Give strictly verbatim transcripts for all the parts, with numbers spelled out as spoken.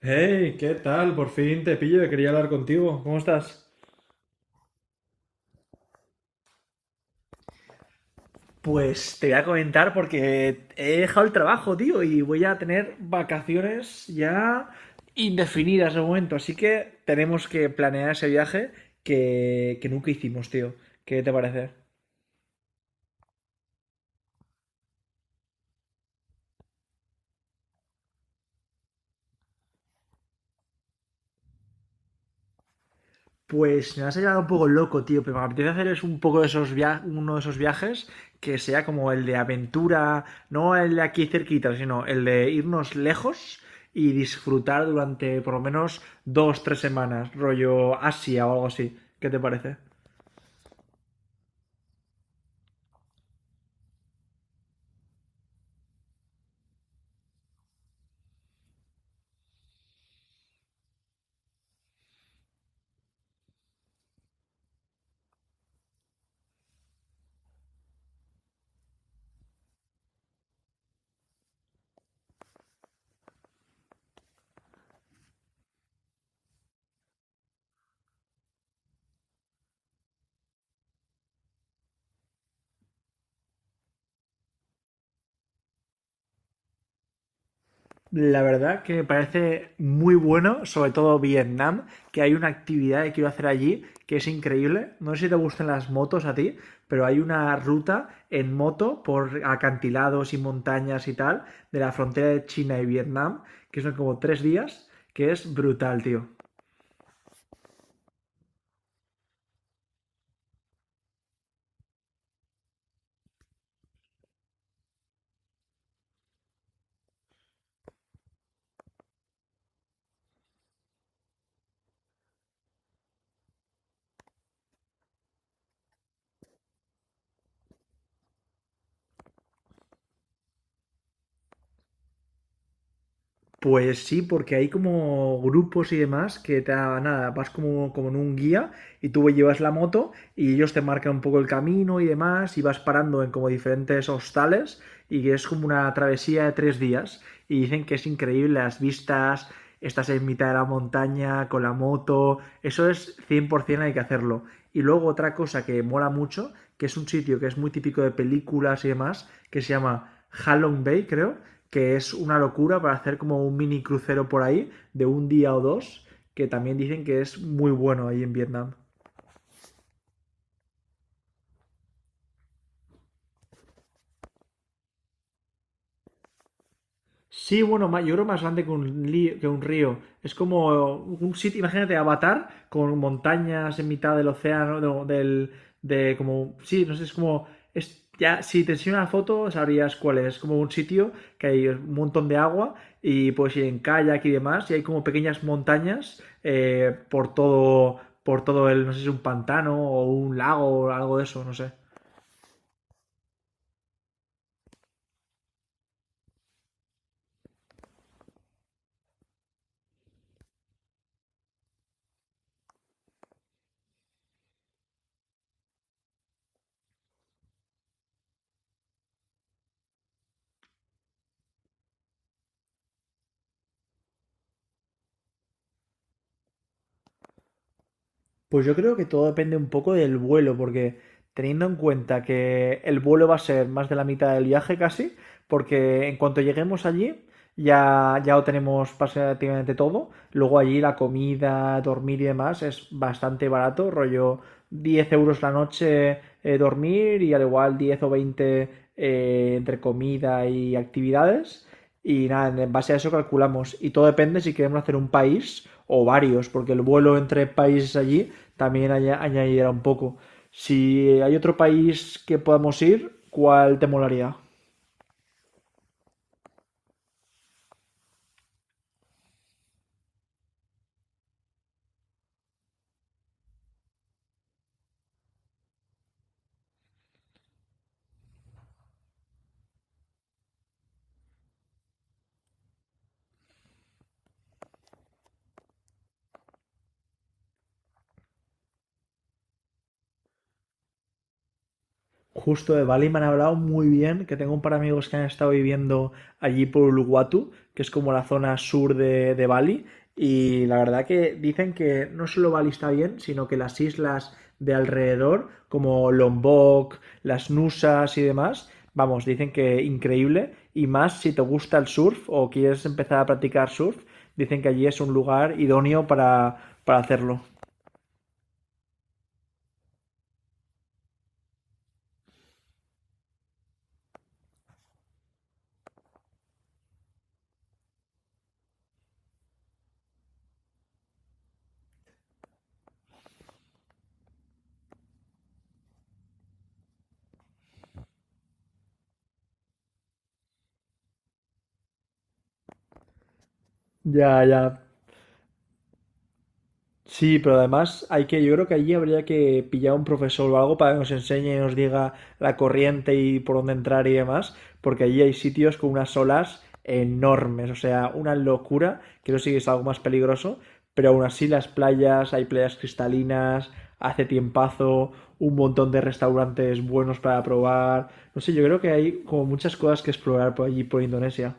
Hey, ¿qué tal? Por fin te pillo, que quería hablar contigo. ¿Cómo estás? Pues te voy a comentar porque he dejado el trabajo, tío, y voy a tener vacaciones ya indefinidas de momento. Así que tenemos que planear ese viaje que, que nunca hicimos, tío. ¿Qué te parece? Pues me vas a llevar un poco loco, tío, pero me apetece hacer es un poco de esos via- uno de esos viajes que sea como el de aventura, no el de aquí cerquita, sino el de irnos lejos y disfrutar durante por lo menos dos, tres semanas, rollo Asia o algo así. ¿Qué te parece? La verdad que me parece muy bueno, sobre todo Vietnam, que hay una actividad que quiero hacer allí que es increíble. No sé si te gustan las motos a ti, pero hay una ruta en moto por acantilados y montañas y tal de la frontera de China y Vietnam, que son como tres días, que es brutal, tío. Pues sí, porque hay como grupos y demás que te da- nada, vas como, como en un guía y tú llevas la moto y ellos te marcan un poco el camino y demás y vas parando en como diferentes hostales y es como una travesía de tres días y dicen que es increíble las vistas, estás en mitad de la montaña con la moto, eso es cien por ciento, hay que hacerlo. Y luego otra cosa que mola mucho, que es un sitio que es muy típico de películas y demás, que se llama Halong Bay, creo, que es una locura para hacer como un mini crucero por ahí de un día o dos, que también dicen que es muy bueno ahí en Vietnam. Sí, bueno, ma- yo creo más grande que un, li- que un río. Es como un sitio, imagínate, Avatar, con montañas en mitad del océano, no, del, de como, sí, no sé, es como, es, ya, si te enseño una foto sabrías cuál es. Es como un sitio que hay un montón de agua y puedes ir en kayak y demás, y hay como pequeñas montañas eh, por todo, por todo el, no sé si es un pantano o un lago o algo de eso, no sé. Pues yo creo que todo depende un poco del vuelo, porque teniendo en cuenta que el vuelo va a ser más de la mitad del viaje casi, porque en cuanto lleguemos allí ya, ya lo tenemos prácticamente todo. Luego allí la comida, dormir y demás es bastante barato, rollo diez euros la noche eh, dormir y al igual diez o veinte eh, entre comida y actividades. Y nada, en base a eso calculamos. Y todo depende si queremos hacer un país o varios, porque el vuelo entre países allí también añadirá un poco. Si hay otro país que podamos ir, ¿cuál te molaría? Justo de Bali me han hablado muy bien, que tengo un par de amigos que han estado viviendo allí por Uluwatu, que es como la zona sur de, de Bali, y la verdad que dicen que no solo Bali está bien, sino que las islas de alrededor, como Lombok, las Nusas y demás, vamos, dicen que increíble, y más si te gusta el surf o quieres empezar a practicar surf, dicen que allí es un lugar idóneo para, para hacerlo. Ya, ya. Sí, pero además hay que, yo creo que allí habría que pillar un profesor o algo para que nos enseñe y nos diga la corriente y por dónde entrar y demás, porque allí hay sitios con unas olas enormes, o sea, una locura, que eso sí que es algo más peligroso, pero aún así las playas, hay playas cristalinas, hace tiempazo, un montón de restaurantes buenos para probar, no sé, yo creo que hay como muchas cosas que explorar por allí, por Indonesia.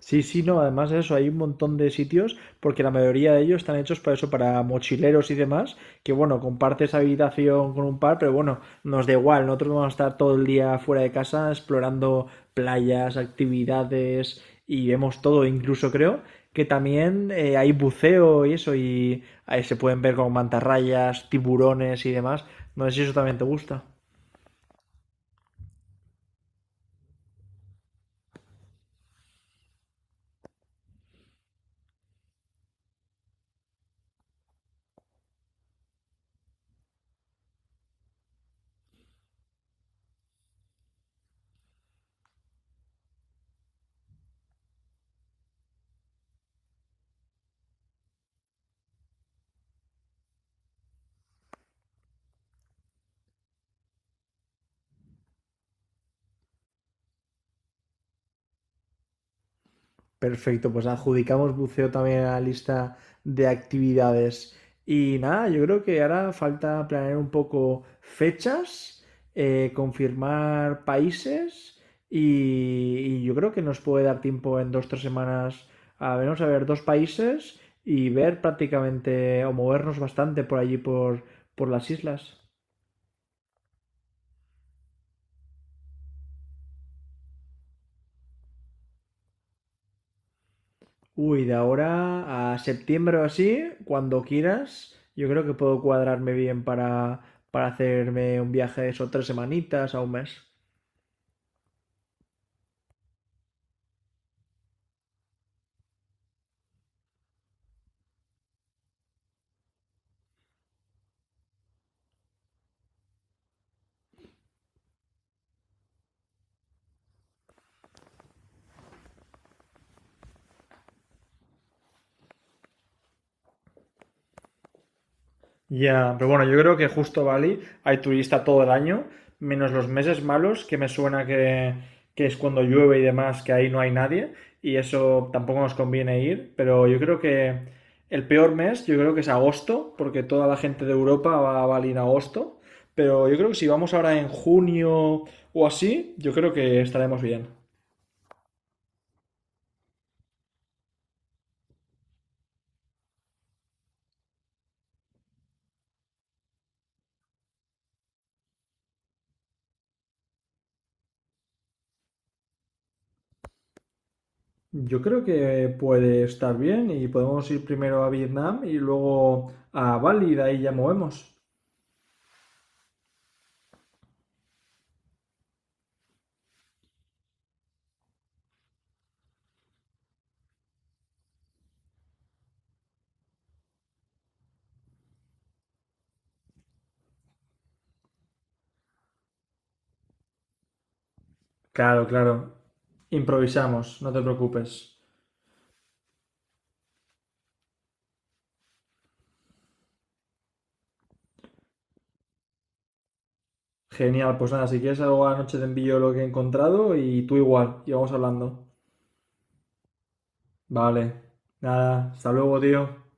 Sí, sí, no, además de eso, hay un montón de sitios, porque la mayoría de ellos están hechos para eso, para mochileros y demás, que bueno, compartes habitación con un par, pero bueno, nos da igual, nosotros vamos a estar todo el día fuera de casa explorando playas, actividades y vemos todo, incluso creo que también eh, hay buceo y eso, y ahí se pueden ver con mantarrayas, tiburones y demás. No sé si eso también te gusta. Perfecto, pues adjudicamos buceo también a la lista de actividades. Y nada, yo creo que ahora falta planear un poco fechas, eh, confirmar países y, y yo creo que nos puede dar tiempo en dos o tres semanas a vernos a ver dos países y ver prácticamente o movernos bastante por allí por, por las islas. Uy, de ahora a septiembre o así, cuando quieras, yo creo que puedo cuadrarme bien para, para hacerme un viaje de eso, tres semanitas a un mes. Ya, pero bueno, yo creo que justo Bali hay turista todo el año, menos los meses malos, que me suena que, que es cuando llueve y demás, que ahí no hay nadie, y eso tampoco nos conviene ir, pero yo creo que el peor mes, yo creo que es agosto, porque toda la gente de Europa va a Bali en agosto, pero yo creo que si vamos ahora en junio o así, yo creo que estaremos bien. Yo creo que puede estar bien y podemos ir primero a Vietnam y luego a Bali y de ahí ya movemos. Claro, claro. Improvisamos, no te preocupes. Genial, pues nada, si quieres algo a la noche te envío lo que he encontrado y tú igual, y vamos hablando. Vale, nada, hasta luego, tío.